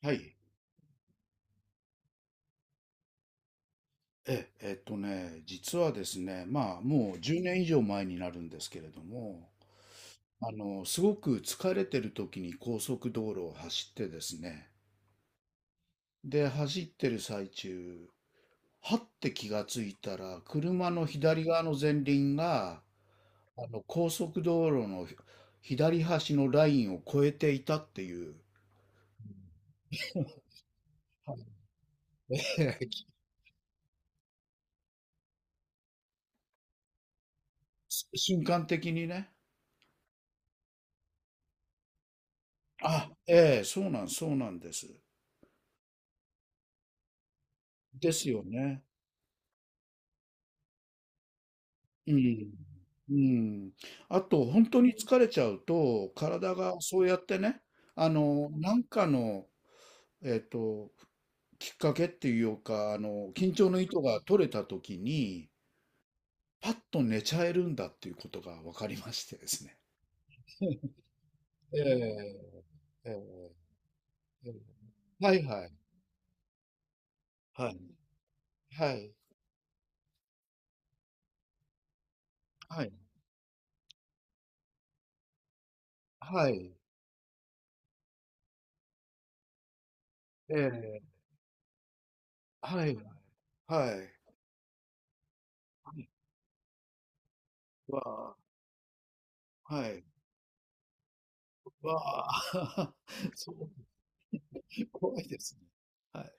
はい。実はですね、まあ、もう10年以上前になるんですけれども、すごく疲れてる時に高速道路を走ってですね、で、走ってる最中、はって気がついたら、車の左側の前輪が、高速道路の左端のラインを越えていたっていう。瞬間的にね。あ、ええ、そうなんです。ですよね。うん。うん。あと、本当に疲れちゃうと、体がそうやってね、なんかの、えっと、きっかけっていうか、緊張の糸が取れた時に、パッと寝ちゃえるんだっていうことが分かりましてですね。ええええええ、はいはい、はい、はい、はい、はい、ええ、はい、はい、はい、わあ、はい、わあ。そう、怖いですね。はい。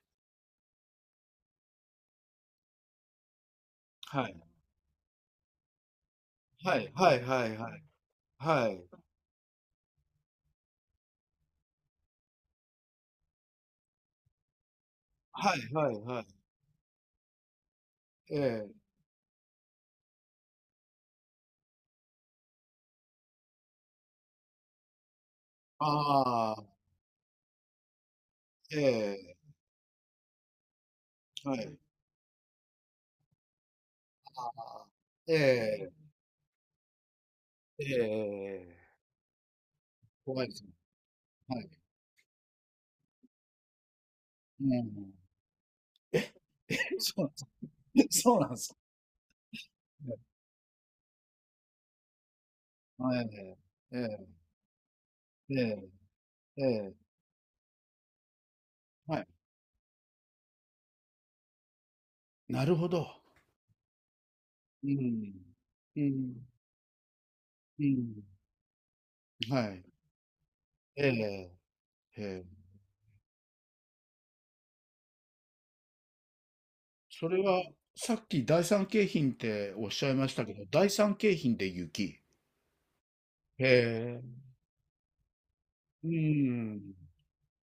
はい。はいはいはいはい。はい。はいはいはい。ええ。ああ、ええ、はい。ああ、ええ、ええええ、怖いですね。はい。うん。え、え、そうなんです。そうなんです。ね。はい。ええ、ええ、ええ、はい。なるほど。うーん。うん、うん。はい。ええ、ええ。それは、さっき第三京浜っておっしゃいましたけど、第三京浜で雪。へえ。うん。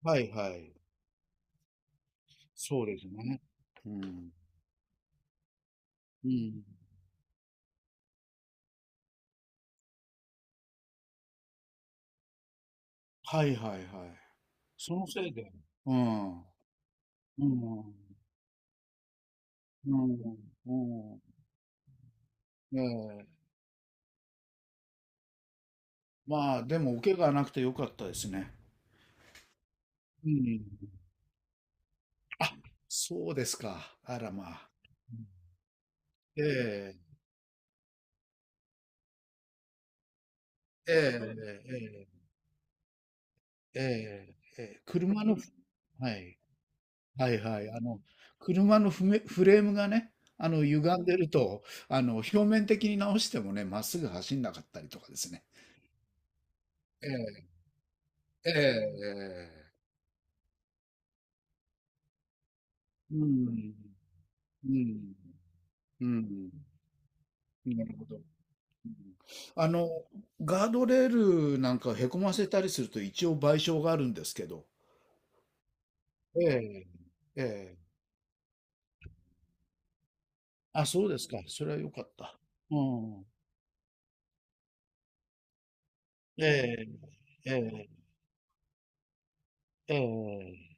はいはい。そうですね。うん。うん。はいはいはい。そのせいで。うん。うん。うん。うん。ええ。まあ、でも、お怪我はなくてよかったですね。うん。あ、そうですか。あらまあ。ええ、ええ、ええ、ええ、ええ、車の。はい。はいはい。車のフメフレームがね、歪んでると、表面的に直してもね、まっすぐ走んなかったりとかですね。ええ、ええ、うん、うん、うん、なるほど。うん。あの、ガードレールなんかへこませたりすると一応賠償があるんですけど。ええ、ええ。あ、そうですか。それは良かった。うん。ええ、ええ、ええ。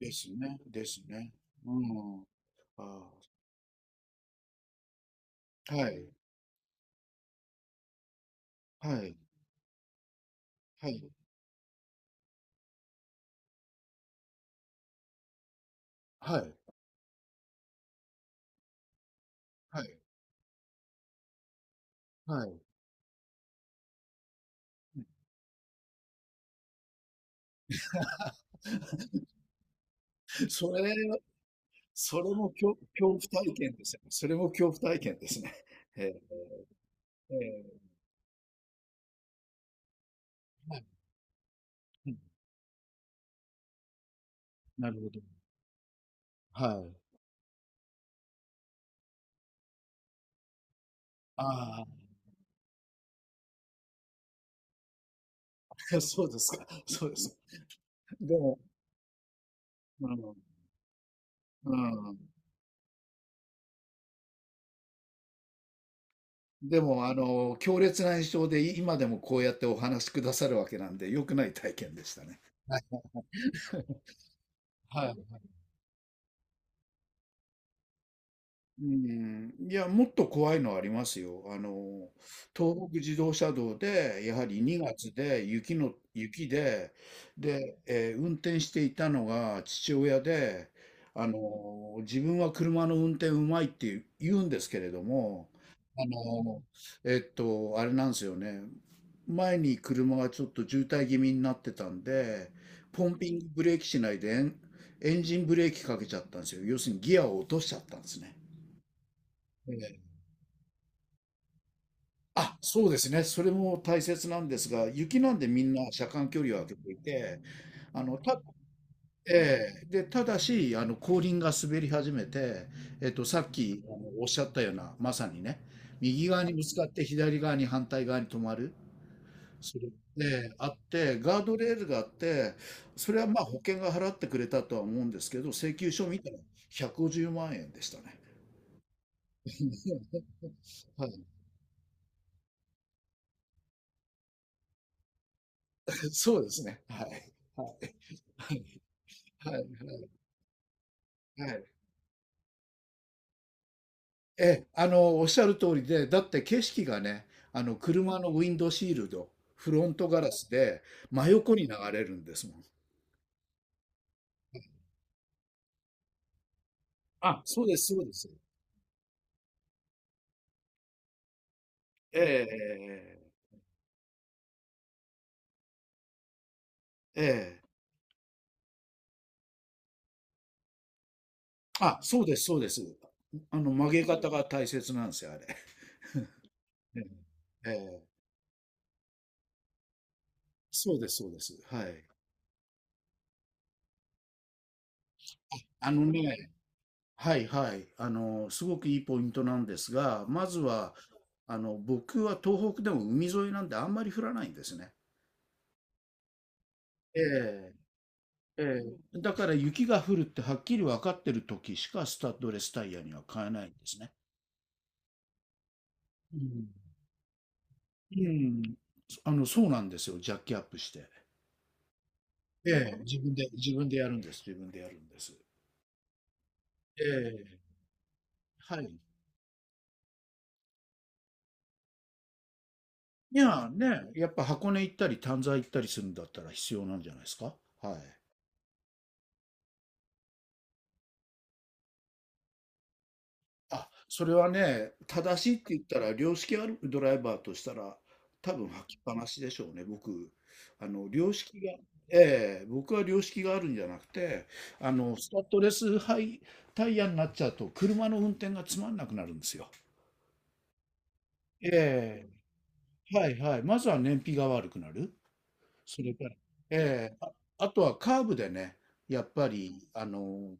ですね、ですね。うん。ああ、はい、はい、はい、はい、はい、はい。それ、それも恐怖体験ですよね。それも恐怖体験ですね。ええ、ええ、うん。なるほど。はい。ああ、そうですか。そうです。でも、うん、うん。でも、強烈な印象で今でもこうやってお話しくださるわけなんで、良くない体験でしたね。はい。はい。うん、いや、もっと怖いのありますよ。東北自動車道で、やはり2月で雪で、で、運転していたのが父親で、自分は車の運転うまいって言うんですけれども、あの、あれなんですよね。前に車がちょっと渋滞気味になってたんで、ポンピングブレーキしないでエンジンブレーキかけちゃったんですよ。要するにギアを落としちゃったんですね。ええ。あ、そうですね。それも大切なんですが、雪なんでみんな車間距離を空けていて、あの、た、ええ、で、ただし、後輪が滑り始めて、さっき、おっしゃったような、まさにね、右側にぶつかって左側に反対側に止まる、それで、あって、ガードレールがあって、それはまあ保険が払ってくれたとは思うんですけど、請求書見たら150万円でしたね。はい、そうですね。はい。はいはいはいはい。ええ、おっしゃる通りで、だって景色がね、車のウィンドシールド、フロントガラスで真横に流れるんですもん。あ、そうです、そうです。ええ、ええ、ええ。あ、そうです、そうです。曲げ方が大切なんですよ、あれ。ええ、ええ、そうです、そうです。はい。あのね、はいはい。すごくいいポイントなんですが、まずは、僕は東北でも海沿いなんであんまり降らないんですね。ええええ、だから雪が降るってはっきり分かってる時しかスタッドレスタイヤには買えないんですね。うん。うん、そうなんですよ。ジャッキアップして。ええ、自分でやるんです。自分でやるんです。ええ、はい。いや、ね、やっぱ箱根行ったり、丹沢行ったりするんだったら必要なんじゃないですか。はい。あ、それはね、正しいって言ったら、良識あるドライバーとしたら、多分履きっぱなしでしょうね、僕。良識が、ええ、僕は良識があるんじゃなくて、スタッドレスハイタイヤになっちゃうと、車の運転がつまんなくなるんですよ。ええ、はいはい。まずは燃費が悪くなる。それから、ええ、あ、あとはカーブでね、やっぱり、あの、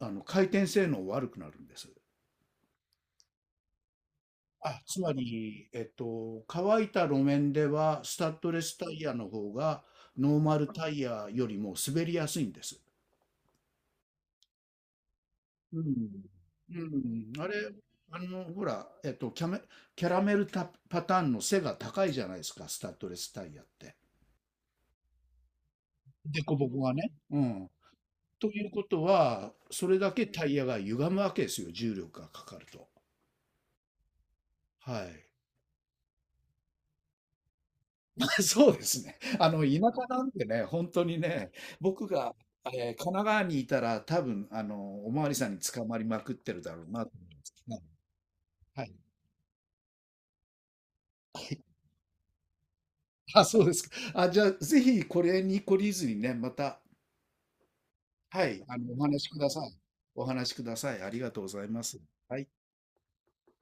あの回転性能悪くなるんです。あ、つまり、乾いた路面では、スタッドレスタイヤの方が、ノーマルタイヤよりも滑りやすいんです。うん。うん。あれ、ほら、キャラメルタパターンの背が高いじゃないですか、スタッドレスタイヤって。凸凹がね。うん。ということは、それだけタイヤが歪むわけですよ、重力がかかると。はい。そうですね。田舎なんでね、本当にね、僕が、神奈川にいたら、多分、おまわりさんに捕まりまくってるだろうなと思います。はい。はい。はい。あ、そうですか。あ、じゃあ、ぜひこれに懲りずにね、また、はい、お話しください。お話しください。ありがとうございます。はい。